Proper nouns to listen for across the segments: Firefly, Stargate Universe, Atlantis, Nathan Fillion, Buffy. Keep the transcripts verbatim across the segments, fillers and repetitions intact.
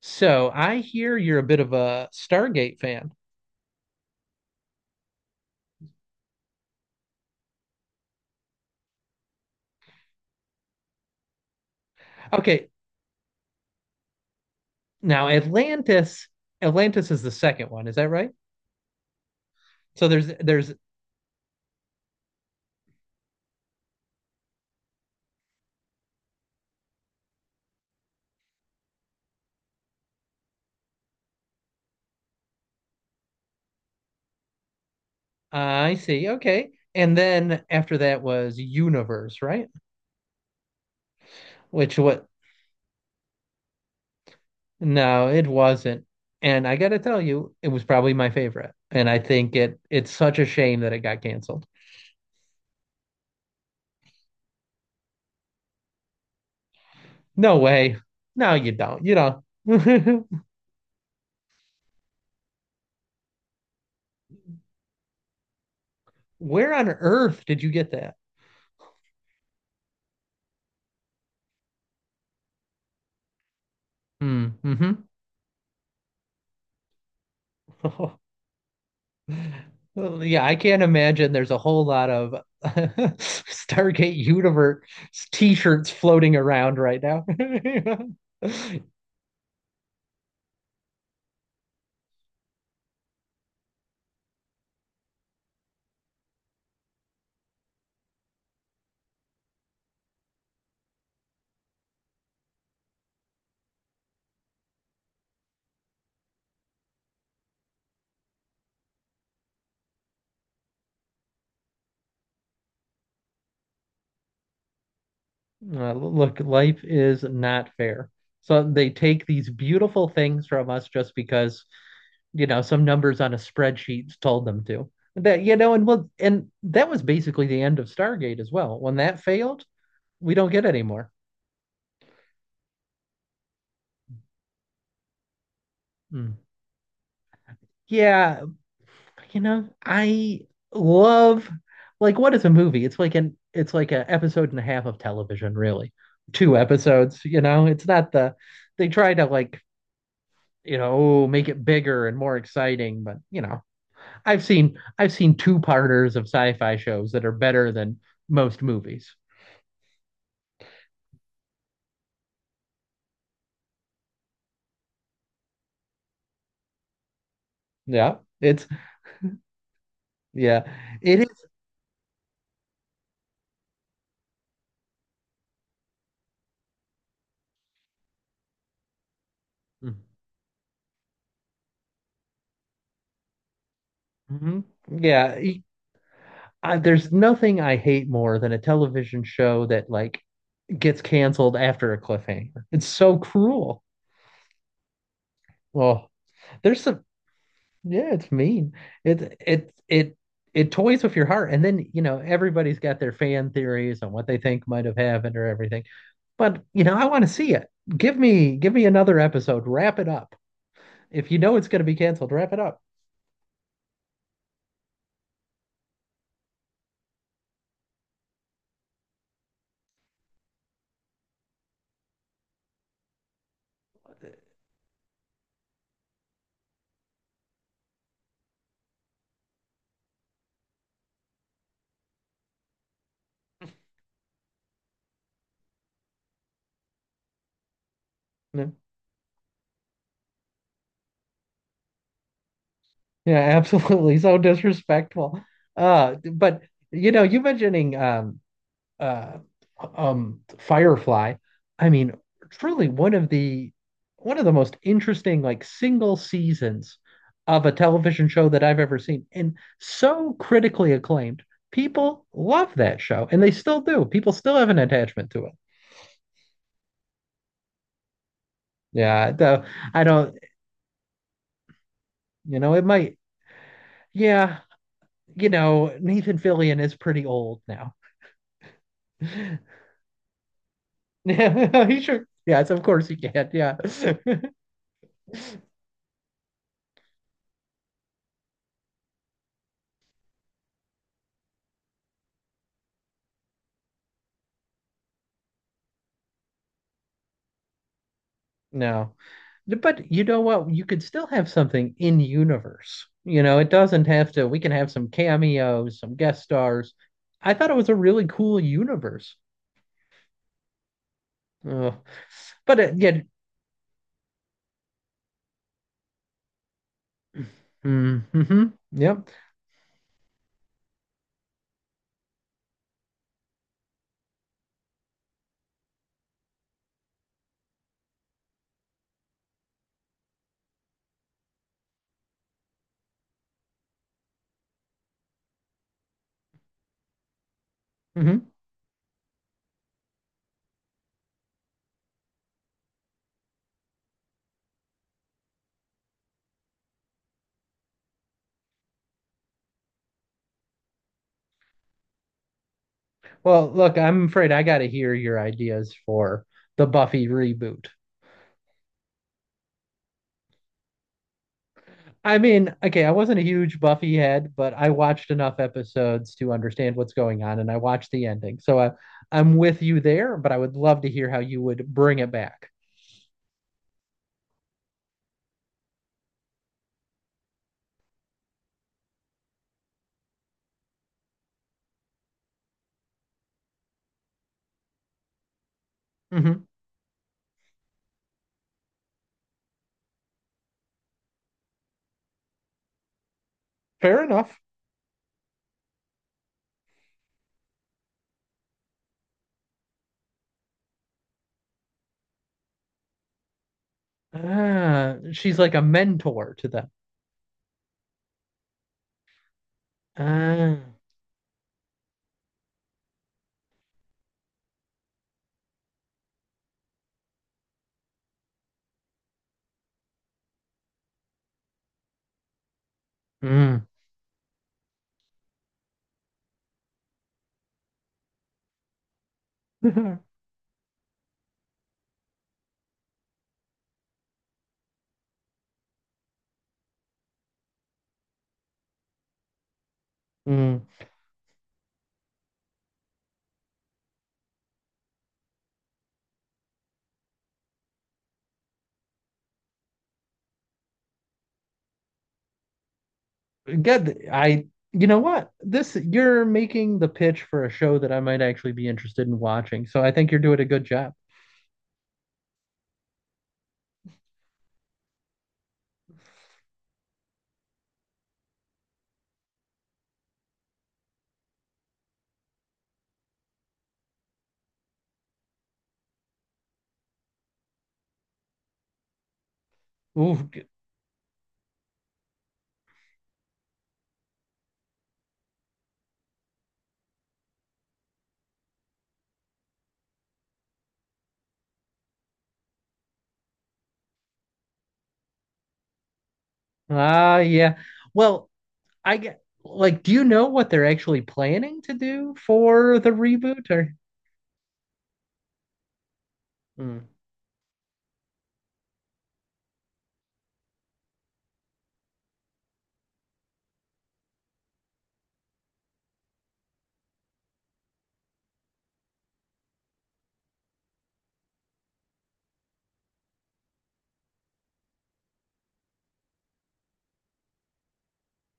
So I hear you're a bit of a Stargate fan. Okay, now Atlantis, Atlantis is the second one, is that right? So there's there's I see. Okay. And then after that was Universe, right? Which what No, it wasn't. And I gotta tell you, it was probably my favorite. And I think it it's such a shame that it got canceled. No way. No, you don't. You don't. Where on earth did you get that? Mm, hmm Well, yeah, I can't imagine there's a whole lot of Stargate Universe t-shirts floating around right now. Uh, look, life is not fair. So they take these beautiful things from us just because, you know, some numbers on a spreadsheet told them to. That, you know, and well, and that was basically the end of Stargate as well. When that failed, we don't get any more. Mm. Yeah, you know, I love like what is a movie? It's like an it's like an episode and a half of television, really. Two episodes, you know. It's not the They try to like, you know, oh, make it bigger and more exciting, but you know, I've seen I've seen two-parters of sci-fi shows that are better than most movies. Yeah. It's yeah. It is- Mhm. Yeah. E, I, there's nothing I hate more than a television show that like gets canceled after a cliffhanger. It's so cruel. Well, there's some yeah, it's mean. It it it it toys with your heart. And then, you know, everybody's got their fan theories on what they think might have happened or everything. But, you know, I want to see it. Give me give me another episode. Wrap it up. If you know it's going to be canceled, wrap it up. Yeah, yeah, absolutely. So disrespectful. Uh, but you know, you mentioning um uh, um, Firefly. I mean, truly one of the one of the most interesting like single seasons of a television show that I've ever seen, and so critically acclaimed. People love that show, and they still do. People still have an attachment to it. Yeah, though I don't, you know, it might. Yeah, you know, Nathan Fillion is pretty old now. Yeah, he sure. Yes, of course he can. Yeah. No. But you know what? You could still have something in universe. You know, it doesn't have to, we can have some cameos, some guest stars. I thought it was a really cool universe. Ugh. But it, yeah, mm-hmm, yep. Hmm. Well, look, I'm afraid I got to hear your ideas for the Buffy reboot. I mean, okay, I wasn't a huge Buffy head, but I watched enough episodes to understand what's going on, and I watched the ending. So I, I'm with you there, but I would love to hear how you would bring it back. Hmm. Fair enough. Ah, she's like a mentor to them. Ah, mm, mm. Good. I, You know what? This, you're making the pitch for a show that I might actually be interested in watching. So I think you're doing a good job. Ooh, g- ah, yeah. Well, I get, like, do you know what they're actually planning to do for the reboot? Or, mm,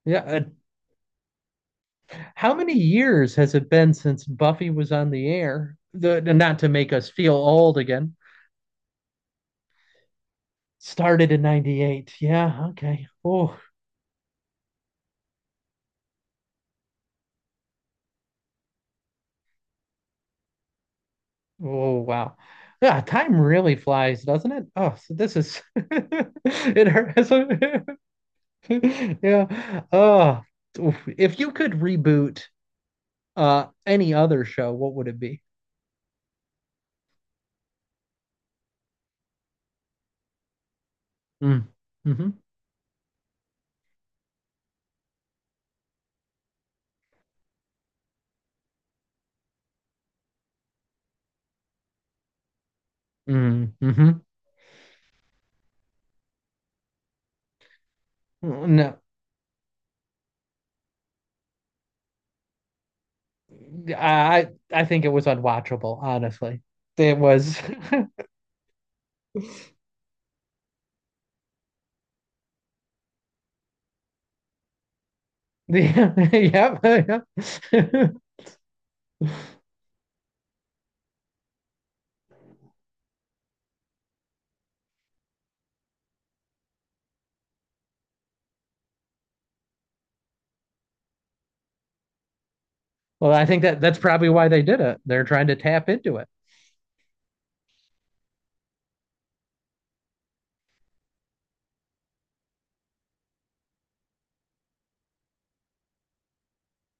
yeah. Uh, how many years has it been since Buffy was on the air? The, not to make us feel old again. Started in ninety-eight. Yeah, okay. Oh, oh wow. Yeah, time really flies, doesn't it? Oh, so this is it hurts. Yeah. Oh, oof. If you could reboot uh any other show, what would it be? Mm. Hmm. Mm. Hmm. No. I I think it was unwatchable, honestly. It was the yeah, yeah. Well, I think that that's probably why they did it. They're trying to tap into it.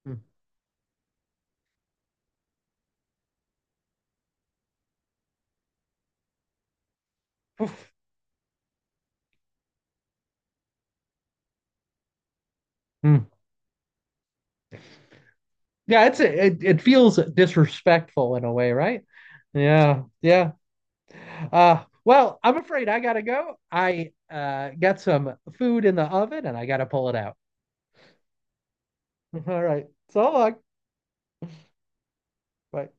Mm. Oof. Mm. Yeah, it's it, it feels disrespectful in a way, right? Yeah, yeah. Uh, well, I'm afraid I gotta go. I uh got some food in the oven and I gotta pull it out. All right. So long. Bye.